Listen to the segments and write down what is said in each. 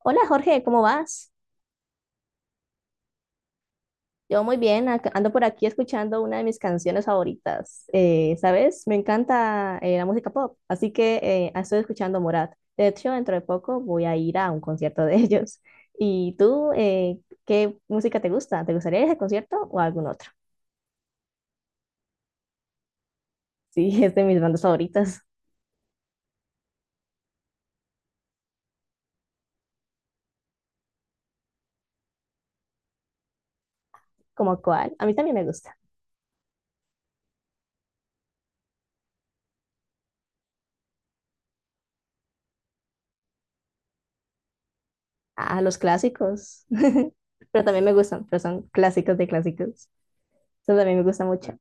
Hola Jorge, ¿cómo vas? Yo muy bien, ando por aquí escuchando una de mis canciones favoritas. ¿Sabes? Me encanta la música pop, así que estoy escuchando Morat. De hecho, dentro de poco voy a ir a un concierto de ellos. ¿Y tú, qué música te gusta? ¿Te gustaría ir a ese concierto o a algún otro? Sí, es de mis bandas favoritas. ¿Como cuál? A mí también me gusta. Ah, los clásicos. Pero también me gustan, pero son clásicos de clásicos. Eso también me gusta mucho.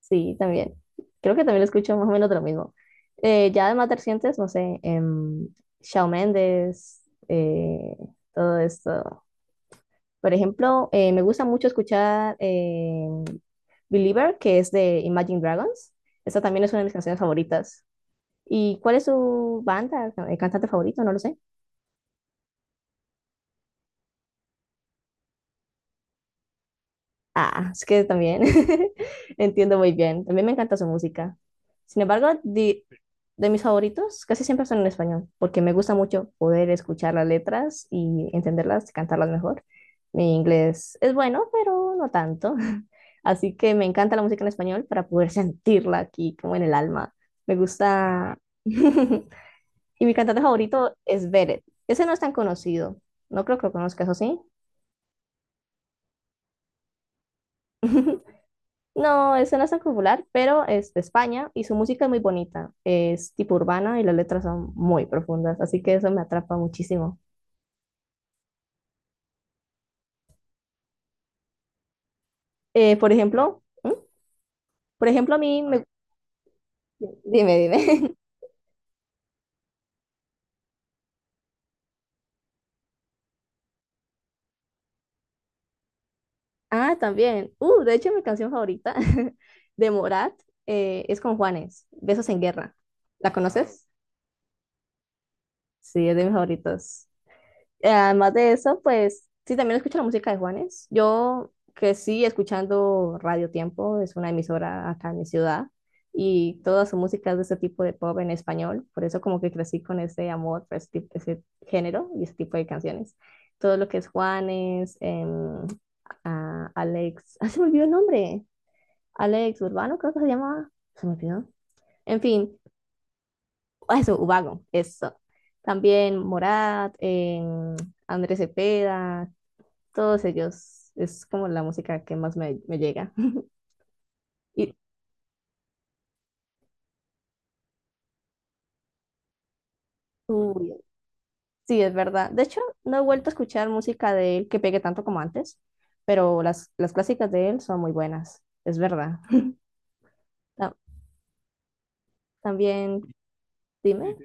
Sí, también. Creo que también lo escucho más o menos de lo mismo. Ya de más recientes, no sé, Shawn Mendes, eh, todo esto. Por ejemplo, me gusta mucho escuchar Believer, que es de Imagine Dragons. Esa también es una de mis canciones favoritas. ¿Y cuál es su banda, cantante favorito? No lo sé. Ah, es que también entiendo muy bien. También me encanta su música. Sin embargo, de mis favoritos casi siempre son en español, porque me gusta mucho poder escuchar las letras y entenderlas, y cantarlas mejor. Mi inglés es bueno, pero no tanto. Así que me encanta la música en español para poder sentirla aquí, como en el alma. Me gusta. Y mi cantante favorito es Beret. Ese no es tan conocido. No creo que lo conozcas, ¿o sí? No, ese no es tan popular, pero es de España y su música es muy bonita. Es tipo urbana y las letras son muy profundas, así que eso me atrapa muchísimo. Por ejemplo, ¿Mm? Por ejemplo, a mí me... Dime, dime. Ah, también. De hecho, mi canción favorita de Morat es con Juanes, Besos en Guerra. ¿La conoces? Sí, es de mis favoritos. Además de eso, pues sí, también escucho la música de Juanes. Yo crecí escuchando Radio Tiempo, es una emisora acá en mi ciudad, y toda su música es de ese tipo de pop en español, por eso como que crecí con ese amor por ese, ese género y ese tipo de canciones. Todo lo que es Juanes, Alex, ah, se me olvidó el nombre, Alex Urbano creo que se llamaba, se me olvidó. En fin, ah, eso, Ubago, eso. También Morat, Andrés Cepeda, todos ellos es como la música que más me llega. Y uy, sí, es verdad. De hecho, no he vuelto a escuchar música de él que pegue tanto como antes, pero las clásicas de él son muy buenas, es verdad. Ta- también, dime.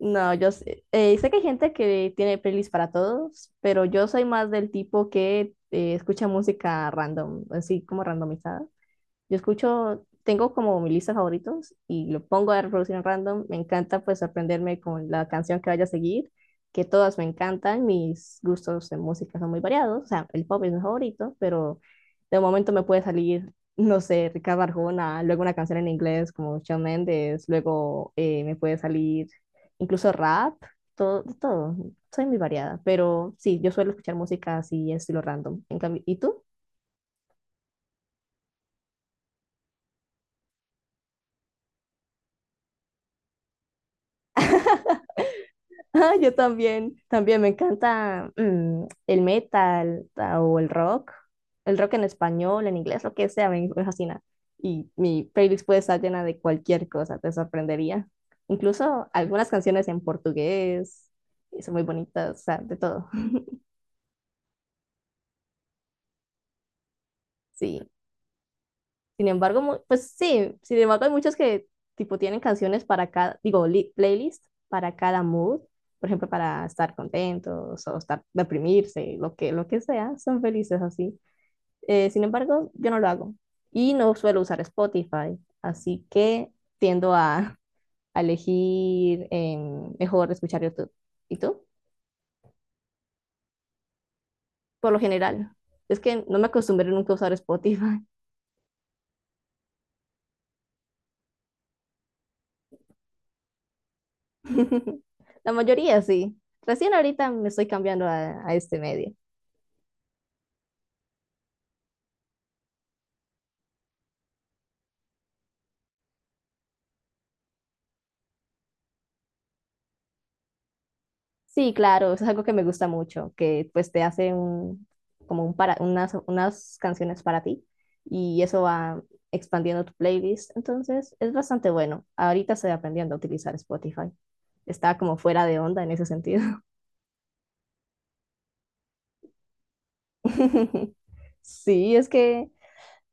No, yo sé, sé que hay gente que tiene playlists para todos, pero yo soy más del tipo que escucha música random, así como randomizada. Yo escucho, tengo como mi lista de favoritos y lo pongo a reproducir en random. Me encanta pues sorprenderme con la canción que vaya a seguir, que todas me encantan. Mis gustos en música son muy variados. O sea, el pop es mi favorito, pero de momento me puede salir, no sé, Ricardo Arjona, luego una canción en inglés como Shawn Mendes, luego me puede salir incluso rap, todo, todo. Soy muy variada, pero sí, yo suelo escuchar música así, estilo random. En cambio, ¿y tú? Ah, yo también, también me encanta el metal o el rock en español, en inglés, lo que sea, me fascina. Y mi playlist puede estar llena de cualquier cosa, te sorprendería. Incluso algunas canciones en portugués, y son muy bonitas, o sea, de todo. Sí. Sin embargo, pues sí, sin embargo hay muchos que tipo tienen canciones para cada, digo, playlist para cada mood, por ejemplo, para estar contentos o estar deprimirse, lo que sea, son felices así. Sin embargo, yo no lo hago y no suelo usar Spotify, así que tiendo a elegir mejor escuchar YouTube. ¿Y tú? Por lo general, es que no me acostumbré nunca a usar Spotify. La mayoría sí. Recién ahorita me estoy cambiando a este medio. Sí, claro, eso es algo que me gusta mucho, que pues te hace un, como un para, unas, unas canciones para ti y eso va expandiendo tu playlist. Entonces es bastante bueno. Ahorita estoy aprendiendo a utilizar Spotify. Estaba como fuera de onda en ese sentido. Sí, es que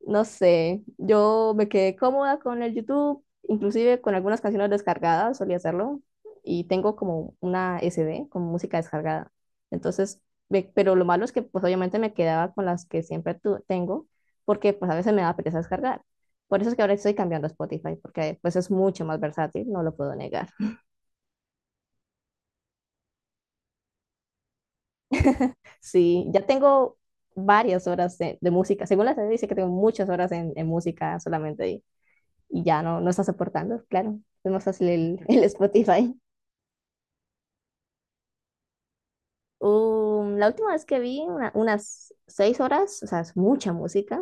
no sé, yo me quedé cómoda con el YouTube, inclusive con algunas canciones descargadas, solía hacerlo, y tengo como una S D con música descargada. Entonces, pero lo malo es que pues obviamente me quedaba con las que siempre tengo, porque pues a veces me da pereza descargar. Por eso es que ahora estoy cambiando a Spotify, porque pues es mucho más versátil, no lo puedo negar. Sí, ya tengo varias horas de música. Según la CD dice que tengo muchas horas en música solamente ahí. Y ya no, no está soportando, claro. Es más fácil el Spotify. La última vez que vi, unas 6 horas, o sea, es mucha música.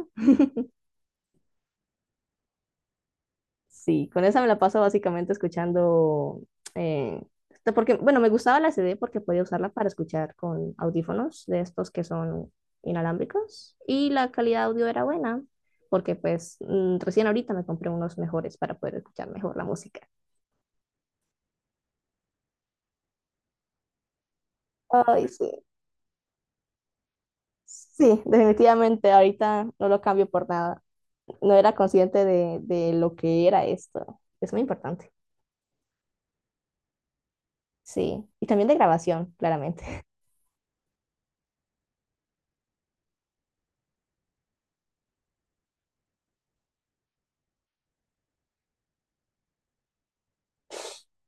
Sí, con esa me la paso básicamente escuchando, eh, esto porque, bueno, me gustaba la CD porque podía usarla para escuchar con audífonos de estos que son inalámbricos y la calidad de audio era buena porque pues recién ahorita me compré unos mejores para poder escuchar mejor la música. Ay, sí. Sí, definitivamente ahorita no lo cambio por nada. No era consciente de lo que era esto. Es muy importante. Sí, y también de grabación, claramente.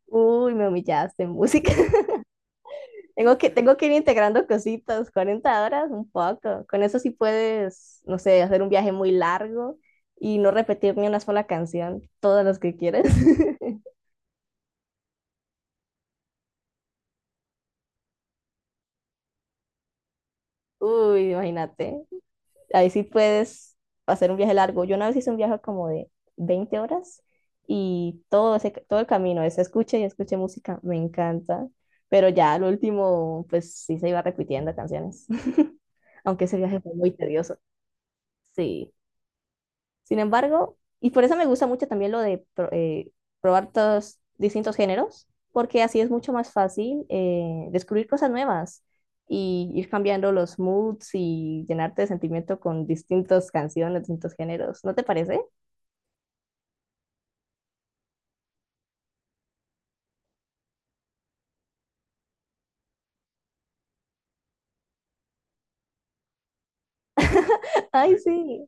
Uy, me humillaste en música. Tengo que ir integrando cositas, 40 horas, un poco. Con eso sí puedes, no sé, hacer un viaje muy largo y no repetir ni una sola canción, todas las que quieres. Uy, imagínate. Ahí sí puedes hacer un viaje largo. Yo una vez hice un viaje como de 20 horas y todo ese, todo el camino, ese escuche y escuche música, me encanta. Pero ya al último, pues sí se iba repitiendo canciones, aunque ese viaje fue muy tedioso. Sí. Sin embargo, y por eso me gusta mucho también lo de probar todos distintos géneros, porque así es mucho más fácil descubrir cosas nuevas y ir cambiando los moods y llenarte de sentimiento con distintas canciones, distintos géneros. ¿No te parece? Ay, sí.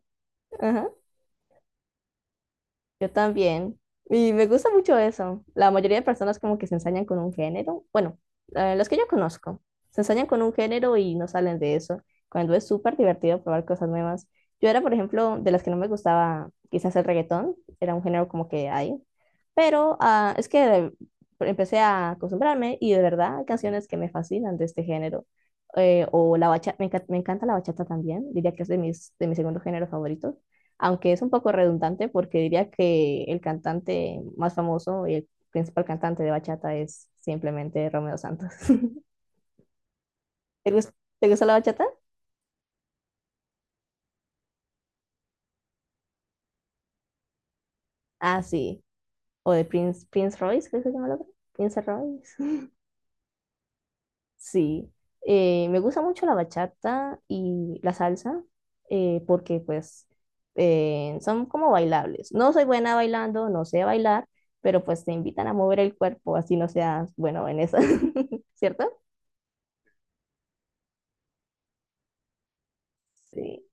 Yo también. Y me gusta mucho eso. La mayoría de personas como que se ensañan con un género. Bueno, los que yo conozco, se ensañan con un género y no salen de eso, cuando es súper divertido probar cosas nuevas. Yo era, por ejemplo, de las que no me gustaba quizás el reggaetón, era un género como que hay, pero ah, es que empecé a acostumbrarme y de verdad hay canciones que me fascinan de este género. O la bachata, me encanta la bachata también, diría que es de mis, de mi segundo género favorito aunque es un poco redundante porque diría que el cantante más famoso y el principal cantante de bachata es simplemente Romeo Santos. ¿Te gus- te gusta la bachata? Ah, sí. O de Prince, Prince Royce, creo que se llama el otro. Prince Royce. Sí. Me gusta mucho la bachata y la salsa porque pues son como bailables. No soy buena bailando, no sé bailar, pero pues te invitan a mover el cuerpo, así no seas bueno en eso. ¿Cierto? Sí.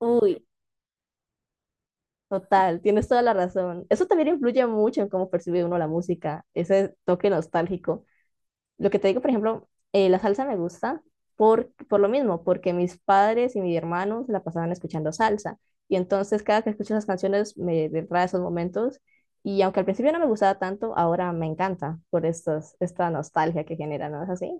Uy, total, tienes toda la razón. Eso también influye mucho en cómo percibe uno la música, ese toque nostálgico. Lo que te digo, por ejemplo, la salsa me gusta por lo mismo, porque mis padres y mi hermano se la pasaban escuchando salsa. Y entonces cada que escucho esas canciones me trae esos momentos. Y aunque al principio no me gustaba tanto, ahora me encanta por estos, esta nostalgia que genera, ¿no es así?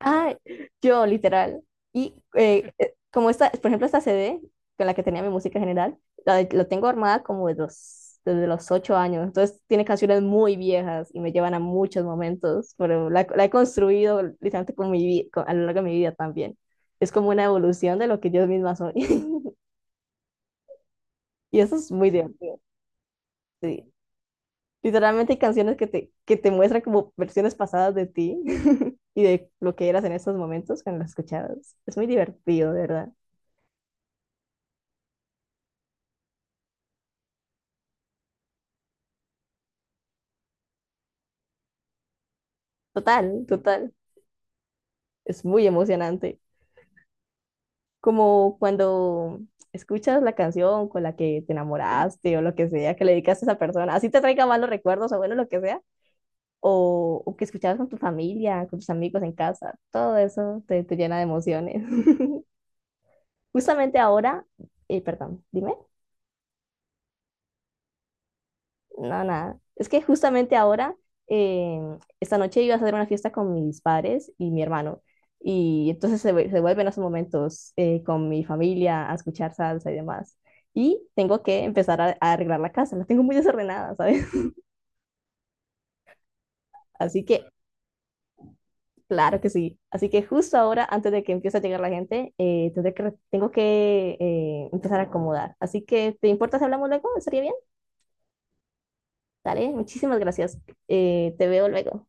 Ah, yo, literal. Y como esta, por ejemplo, esta C D con la que tenía mi música general, la tengo armada como de los, desde los 8 años. Entonces tiene canciones muy viejas y me llevan a muchos momentos, pero la he construido literalmente con mi, a lo largo de mi vida también. Es como una evolución de lo que yo misma soy. Y eso es muy divertido. Sí. Literalmente hay canciones que que te muestran como versiones pasadas de ti y de lo que eras en esos momentos cuando las escuchabas. Es muy divertido, de verdad. Total, total. Es muy emocionante. Como cuando escuchas la canción con la que te enamoraste o lo que sea, que le dedicaste a esa persona, así te traiga malos recuerdos o bueno, lo que sea, o que escuchabas con tu familia, con tus amigos en casa, todo eso te llena de emociones. Justamente ahora, perdón, dime. No, nada. Es que justamente ahora, eh, esta noche iba a hacer una fiesta con mis padres y mi hermano. Y entonces se vuelven esos momentos con mi familia a escuchar salsa y demás. Y tengo que empezar a arreglar la casa. La tengo muy desordenada, ¿sabes? Así que, claro que sí. Así que justo ahora, antes de que empiece a llegar la gente, tendré que, tengo que empezar a acomodar. Así que, ¿te importa si hablamos luego? ¿Estaría bien? Dale, muchísimas gracias. Te veo luego.